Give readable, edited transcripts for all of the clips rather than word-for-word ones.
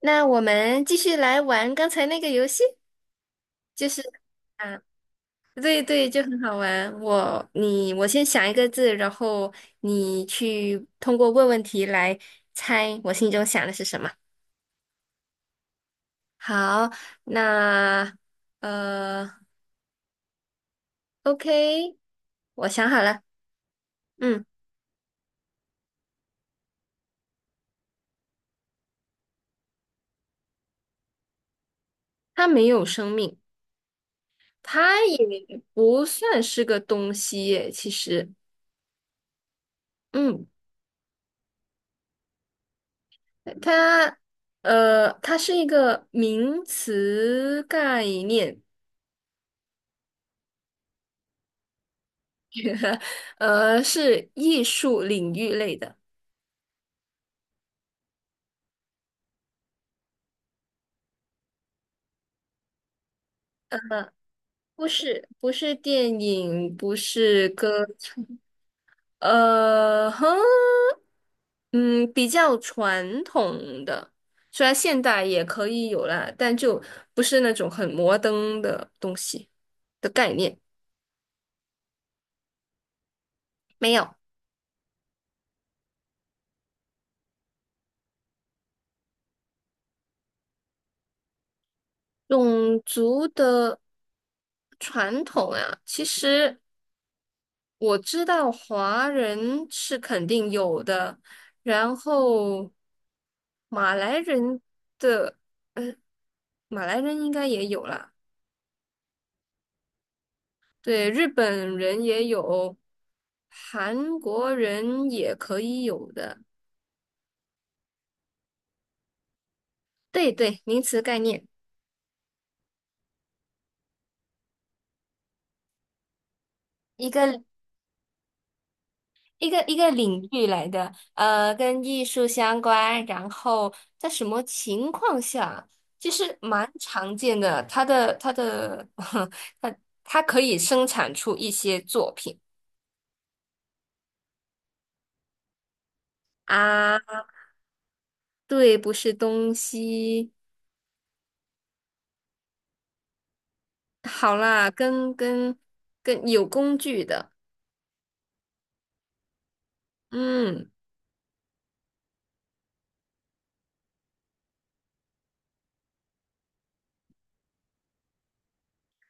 那我们继续来玩刚才那个游戏，就是啊，对对，就很好玩。我先想一个字，然后你去通过问问题来猜我心中想的是什么。好，那呃，OK，我想好了。嗯，它没有生命，它也不算是个东西耶其实，嗯。它它是一个名词概念，是艺术领域类的，不是不是电影，不是歌唱呃，哼，嗯，比较传统的，虽然现代也可以有啦，但就不是那种很摩登的东西的概念，没有。种族的传统啊，其实。我知道华人是肯定有的，然后马来人的，呃，马来人应该也有啦，对，日本人也有，韩国人也可以有的，对对，名词概念，一个一个领域来的，跟艺术相关，然后在什么情况下，其实蛮常见的。它的它的 它它可以生产出一些作品啊，对，不是东西。好啦，跟有工具的，嗯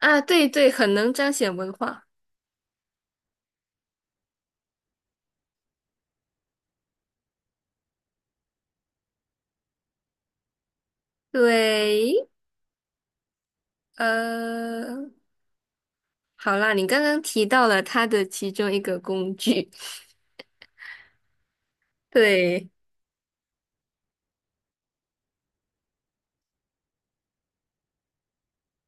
啊，对对，很能彰显文化。对，呃，好啦，你刚刚提到了它的其中一个工具，对。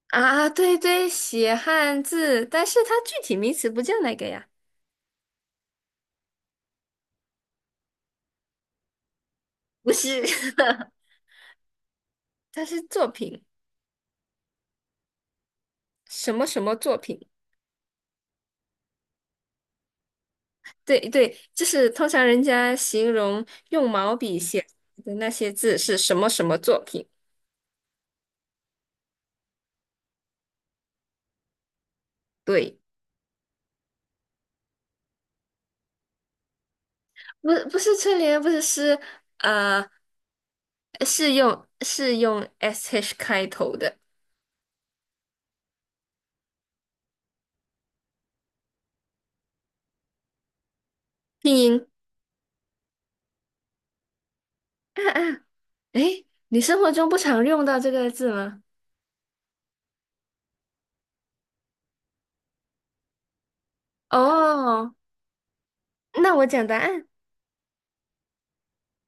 啊，对对，写汉字，但是它具体名词不叫那个呀，不是，它是作品，什么什么作品？对对，就是通常人家形容用毛笔写的那些字是什么什么作品？对，不是春联，不是诗，呃，是用 sh 开头的拼音。啊啊，诶，你生活中不常用到这个字吗？哦，那我讲答案。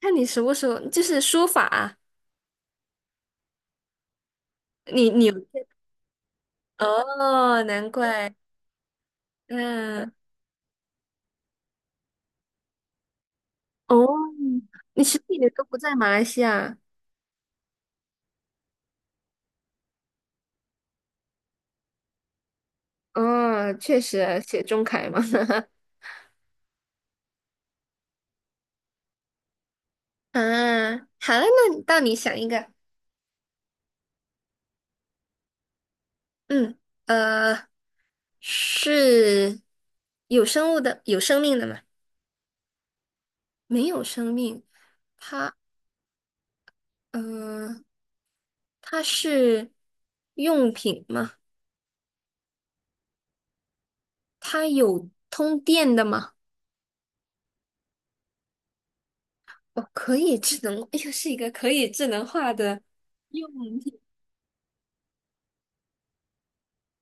看你熟不熟，就是书法啊你有哦，难怪，嗯，哦，你实体的都不在马来西亚，哦，确实写中楷嘛，啊，好了，那到你想一个，嗯，呃，是有生物的，有生命的吗？没有生命，它，嗯、它是用品吗？它有通电的吗？哦，可以智能，又是一个可以智能化的用品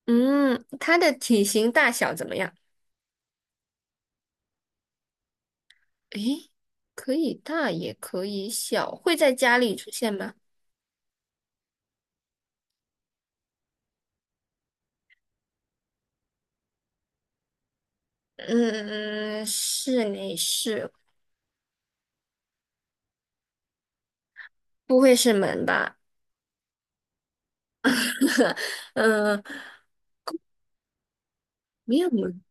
嗯，它的体型大小怎么样？诶，可以大也可以小，会在家里出现吗？嗯，室内是，不会是门吧？嗯，没有门。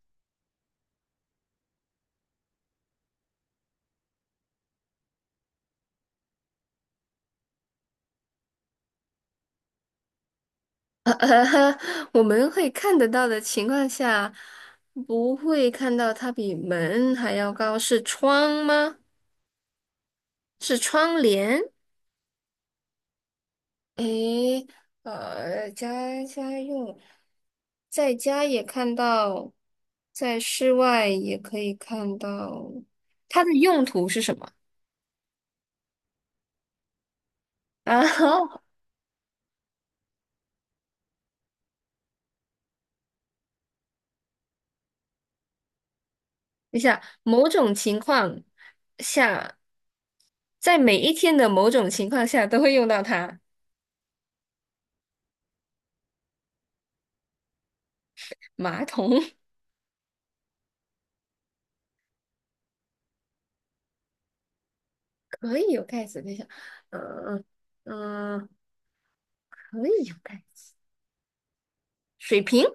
我们会看得到的情况下，不会看到它比门还要高，是窗吗？是窗帘？诶，家家用，在家也看到，在室外也可以看到，它的用途是什么？啊，等一下，某种情况下，在每一天的某种情况下都会用到它。马桶 可以有盖子，等一下，嗯嗯，可以有盖子。水瓶？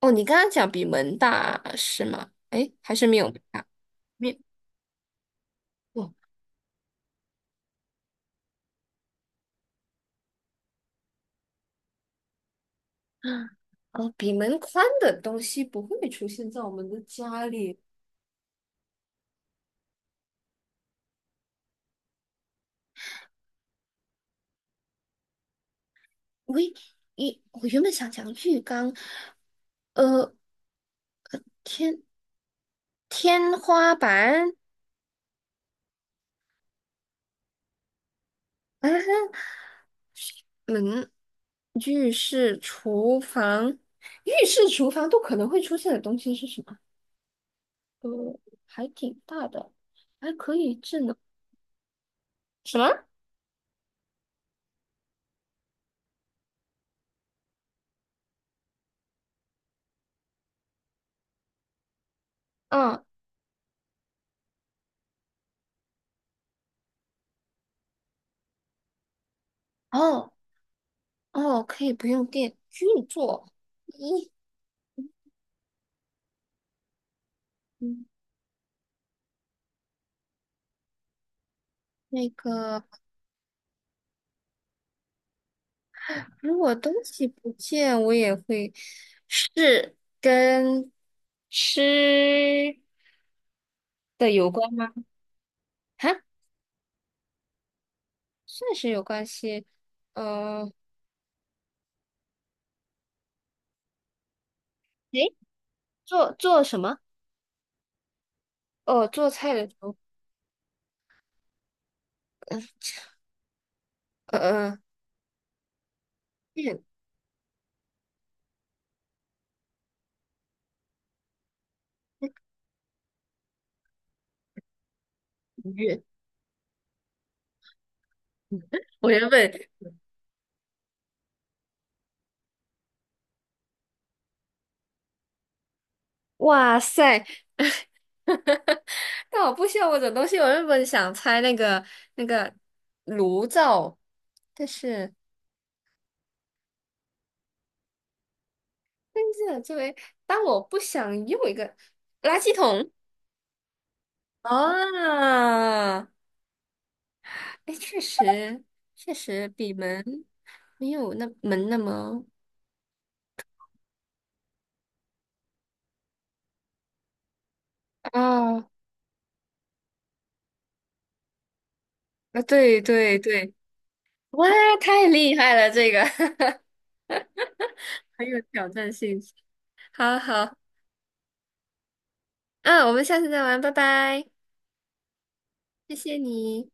哦，你刚刚讲比门大是吗？诶，还是没有门大？没有。哦哦，比门宽的东西不会出现在我们的家里。喂，我原本想讲浴缸，呃，天天花板，啊，门，浴室、厨房，浴室、厨房，都可能会出现的东西是什么？呃，还挺大的，还可以智能什么？嗯，哦哦，可以不用电，运作一，嗯，那个。如果东西不见，我也会是跟吃的有关吗？哈，算是有关系。呃，诶，做什么？哦，做菜的时候，呃呃，面鱼。我原本哇塞，但我不需要我种东西，我原本想猜那个炉灶，但是但是作为当我不想用一个垃圾桶，啊，哎，确实比门没有那门那么啊啊，对对对，哇，太厉害了，这个 很有挑战性。好好，嗯，我们下次再玩，拜拜，谢谢你。